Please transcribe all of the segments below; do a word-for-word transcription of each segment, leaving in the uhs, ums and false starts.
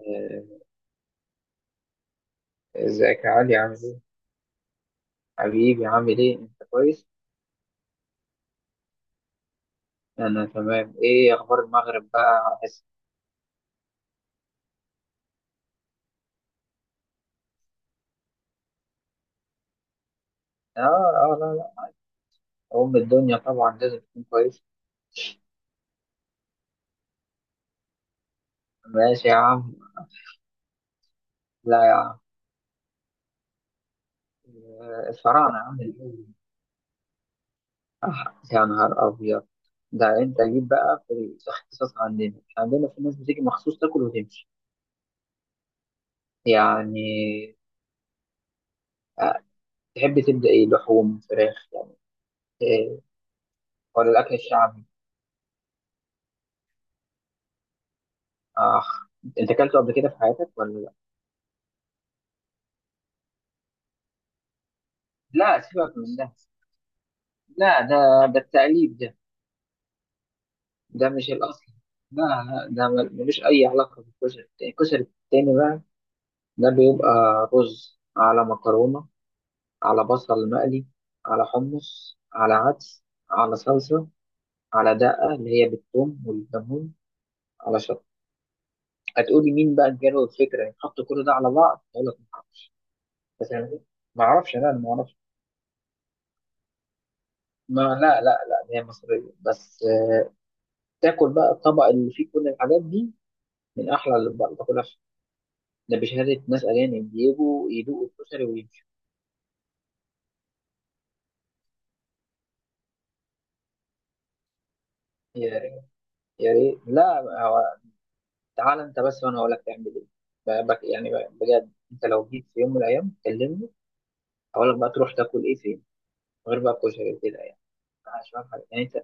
آه، ازيك يا علي عامل ايه؟ حبيبي عامل ايه؟ انت كويس؟ انا تمام، ايه اخبار المغرب بقى؟ أحس- اه، اه، لا، لا، ام الدنيا طبعا لازم تكون كويس، ماشي يا عم، لا يا عم، آه، الفراعنة عامل ايه؟ آه، يا نهار ابيض، ده انت جيت بقى في الاختصاص عندنا، إحنا عندنا في ناس بتيجي مخصوص تاكل وتمشي، يعني آه، تحب تبدأ ايه؟ لحوم، فراخ، يعني إيه؟ ولا الاكل الشعبي؟ اخ، انت اكلته قبل كده في حياتك ولا؟ لا سيبك من ده، لا ده، ده التقليد ده، ده مش الأصل. لا، لا، ده مل- ملوش أي علاقة بالكشري التاني. الكشري التاني بقى ده بيبقى رز على مكرونة، على بصل مقلي، على حمص، على عدس، على صلصة، على دقة اللي هي بالثوم والليمون، على شطة. هتقولي مين بقى جاله الفكرة يحطوا كل ده على بعض؟ أقول لك ما أعرفش. بس أنا ما أعرفش، لا أنا ما أعرفش. ما لا، لا، لا، هي مصرية بس. تاكل بقى الطبق اللي فيه كل الحاجات دي، من أحلى اللي باكلها في- ده بشهادة ناس أجانب بيجوا يدوقوا الكشري ويمشوا. يا ريت، يا ريت، لا. هو تعال أنت بس، وأنا هقول لك تعمل إيه. ب- بك يعني، ب- بجد أنت لو جيت في يوم من الأيام كلمني، هقول لك بقى تروح تاكل إيه فين غير بقى الكشري وكده يعني. عشان حاجة يعني أنت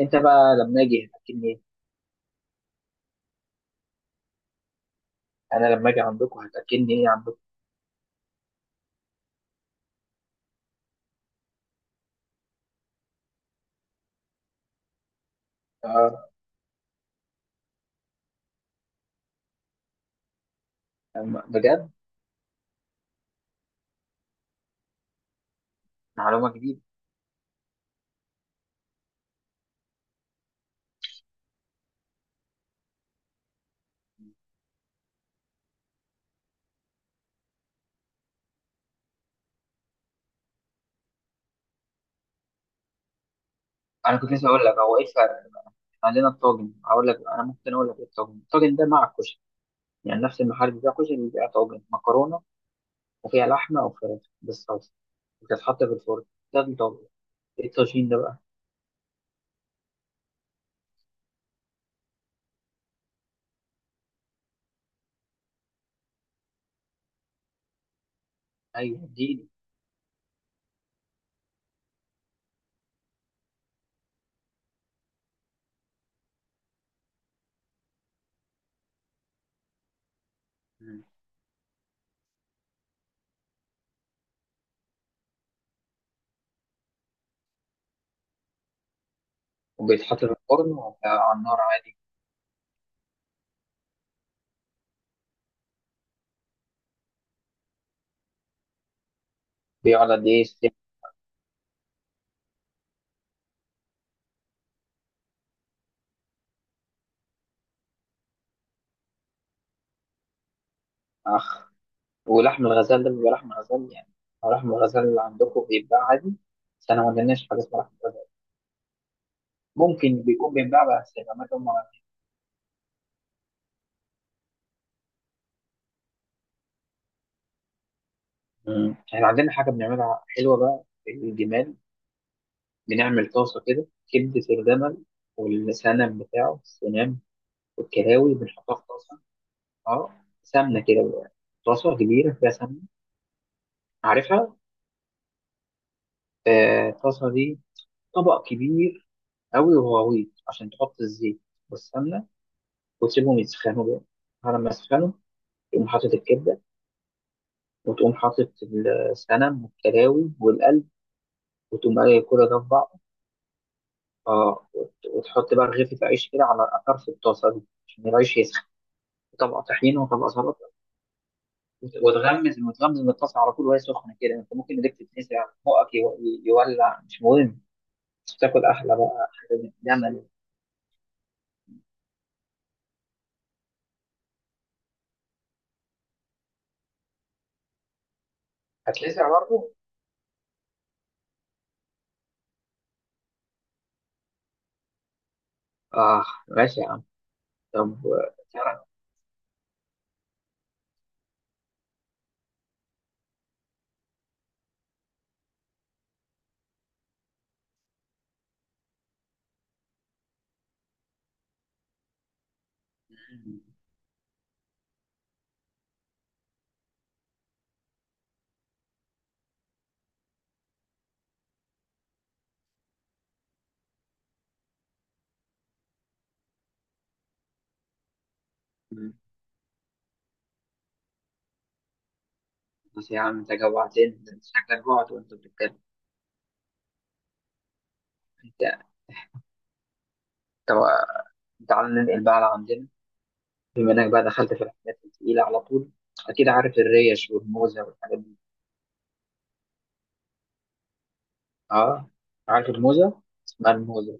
أنت بقى لما أجي هتأكلني إيه؟ أنا لما أجي عندكم هتأكلني إيه عندكم؟ آه، أما- بجد؟ معلومة جديدة. أنا كنت لسه أقول لك هو إيه الفرق. عندنا الطاجن، أقول لك. أنا ممكن أقول لك إيه الطاجن. الطاجن ده مع الكشري، يعني نفس المحل بتاع كشري بيبيع طاجن مكرونة، وفيها لحمة وفراخ بالصلصة، بتتحط في الفرن. ده الطبق. ايه الطاجين ده بقى؟ أيوة اديني. مم. وبيتحط في الفرن وعلى النار عادي؟ بيقعد قد إيه؟ ساعة؟ أخ. ولحم الغزال ده بيبقى لحم غزال يعني؟ هو لحم الغزال اللي عندكم بيتباع عادي؟ بس أنا ما عندناش حاجة اسمها لحم غزال. ممكن بيكون بيتباع بس الأماكن ما. مم. إحنا عندنا حاجة بنعملها حلوة بقى في الجمال. بنعمل طاسة كده، كبدة الجمل، والسنم بتاعه السنام، والكلاوي بنحطها في طاسة. اه، سمنه كده بقى. طاسه كبيره فيها سمنه، عارفها. آه، الطاسه دي طبق كبير قوي وغويط، عشان تحط الزيت والسمنه، وتسيبهم يسخنوا بقى. على ما يسخنوا تقوم حاطط الكبده، وتقوم حاطط السمن والكلاوي والقلب، وتقوم قايل كل ده في بعض. اه، وت- وتحط بقى رغيفه عيش كده على طرف الطاسه دي، عشان العيش يسخن. طبق طحينه وطبق سلطه، وت- وتغمز وتغمز من الطاسه على طول وهي سخنه كده. يعني انت ممكن ايديك تتلسع، بقك يو- يولع، مش مهم. تاكل أحلى بقى حاجة، جمل. هتلسع برضه. آه، ماشي يا عم. طب، آه، تعرف. مم. مم. بس يا عم أنت جوعتني، ده أنت شكلك جوعت وأنت بتتكلم. أنت طب، آه، تعال ننقل بقى على عندنا. بما إنك بقى دخلت في الحاجات التقيلة على طول، أكيد عارف الريش والموزة والحاجات دي. آه. عارف الموزة؟ اسمها الموزة.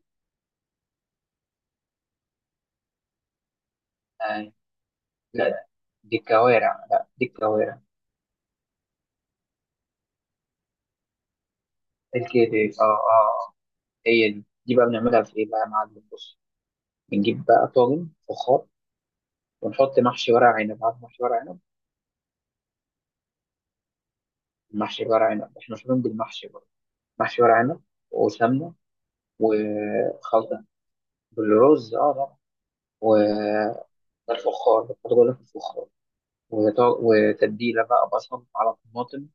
آه. لا، دي الكوارع، لا دي الكوارع. الكتف، آه، آه، آه. هي دي دي بقى بنعملها في إيه بقى يا معلم، بص. بنجيب بقى طاجن فخار، ونحط محشي ورق عنب، عارف محشي ورق عنب؟ محشي ورق عنب، احنا مشهورين بالمحشي برضه. محشي ورق عنب وسمنه وخلطه بالرز، اه طبعا. والفخار بتحط جوه في الفخار، وت- وتتبيله بقى بصل على طماطم،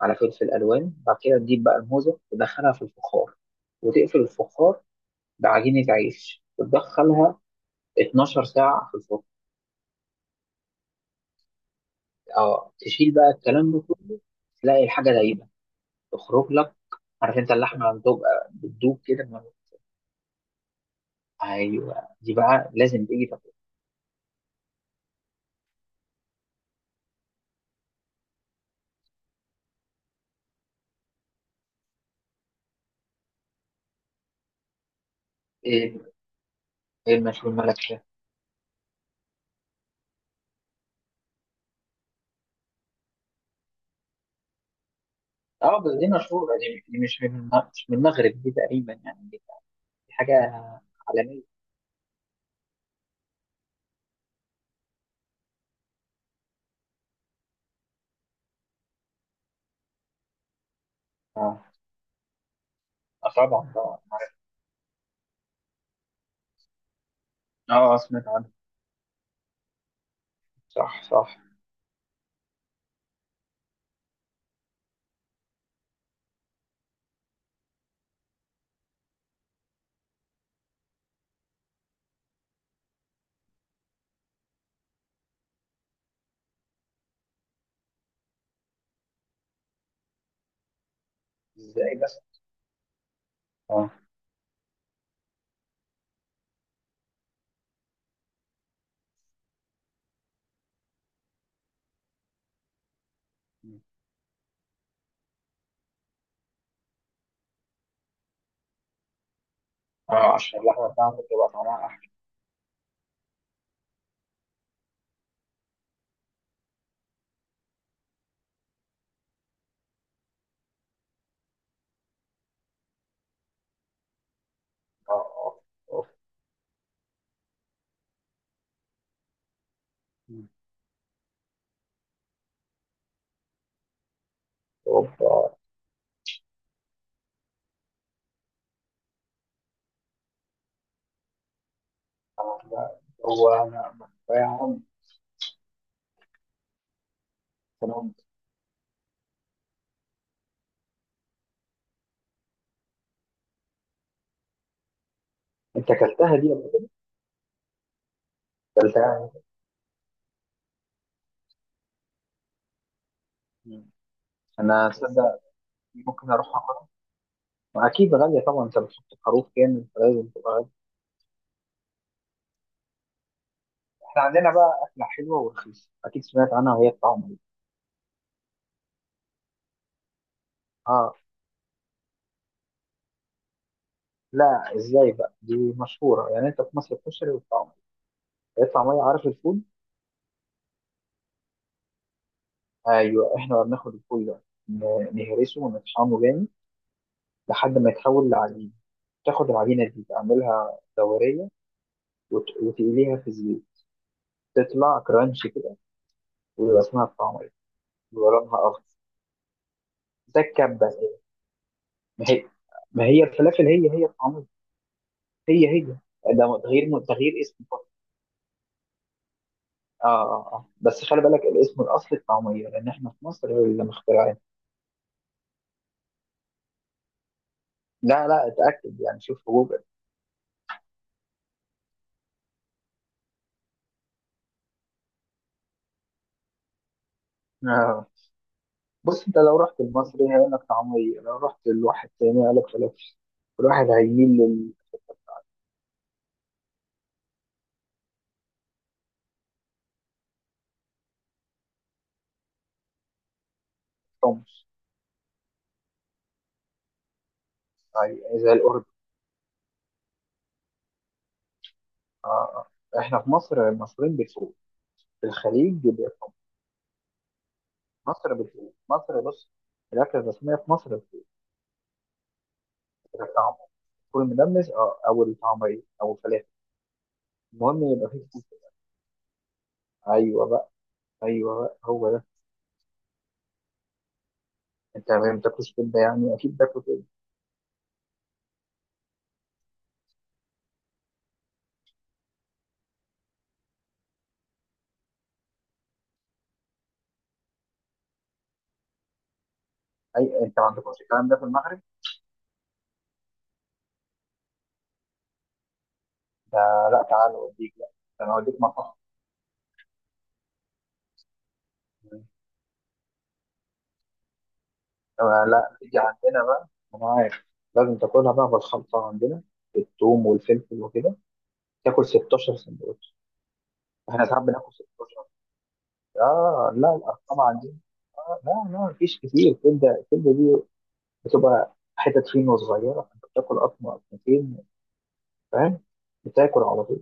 على فلفل الوان. بعد كده تجيب بقى الموزه تدخلها في الفخار، وتقفل الفخار بعجينه عيش، وتدخلها اتناشر ساعه في الفرن. اه، تشيل بقى الكلام ده كله، تلاقي الحاجه دايبه، تخرج لك. عارف انت اللحمه لما بتبقى بتدوب كده، ما- ايوه، دي بقى لازم تيجي. طب، ايه ايه المشهور ملكشه؟ اه، بس دي مشهوره، دي دي مش من الم- مش من المغرب دي تقريبا، يعني دي حاجه عالميه. اه، آه، طبعا طبعا عارف. اه، آه، سمعت عنها، صح صح. ازاي بس؟ اه، اه، عشان اللحمه بتاعته بتبقى طعمها احلى. اه، اه، اوف، اوف. آه. آه. هو انا أنا- أنا- انت اكلتها دي ولا إيه؟ اكلتها. مم. انا تصدق؟ ممكن اروح. واكيد غاليه طبعا، انت بتحط خروف كامل فلازم تبقى غالية. احنا عندنا بقى اكله حلوه ورخيصه، اكيد سمعت عنها وهي الطعميه. اه. لا، ازاي بقى، دي مشهوره يعني. انت في مصر الكشري والطعميه. الطعميه، عارف الفول؟ ايوه، احنا بقى بناخد الفول ده ن- نهرسه ونطحنه جامد، لحد ما يتحول لعجين. تاخد العجينه دي تعملها دوريه، وت- وتقليها في الزيت، تطلع كرانشي كده، ويبقى اسمها الطعميه. بيبقى لونها اخضر، ده الكبه كده. ما هي ما هي الفلافل هي هي الطعميه، هي هي. ده تغيير، تغيير اسم فقط. اه، اه، اه، بس خلي بالك، الاسم الاصلي الطعميه، لان احنا في مصر اللي مخترعين. لا، لا، اتاكد يعني، شوف في جوجل. آه. بص، انت لو رحت المصري هيقول لك طعميه، لو رحت لواحد تاني هيقول لك فلافل. الواحد هيميل للحمص. هي- زي الاردن. آه. آه. احنا في مصر المصريين بيفوق. في الخليج بيفوق. مصر بتفوق، مصر بص، الاكله الرسميه في مصر بتفوق. الطعم، فول مدمس اه، او الطعميه، او الفلافل. المهم يبقى في. ايوه بقى. ايوه هو ده. انت ما بتاكلش كبده يعني؟ اكيد باكل كبده. اي، انت ما عندكوش الكلام ده في المغرب؟ ده لا، تعال اوديك، لا انا اوديك مطعم. آه، لا، تيجي عندنا بقى، انا عارف، لازم تاكلها بقى بالخلطه عندنا، الثوم والفلفل وكده. تاكل ستاشر سندوتش. احنا ساعات بناكل ستاشر. اه لا، الارقام عندنا. آه، لا، لا، مفيش كتير. الكبده الكبده دي بتبقى حتت فين صغيره، فانت بتاكل قطمه قطمتين، فاهم، بتاكل على طول.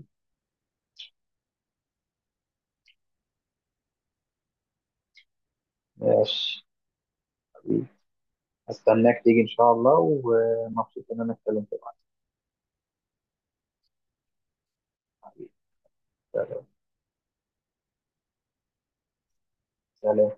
ماشي، استناك تيجي ان شاء الله، ومبسوط ان انا اتكلمت معاك. حبيبي، سلام. سلام.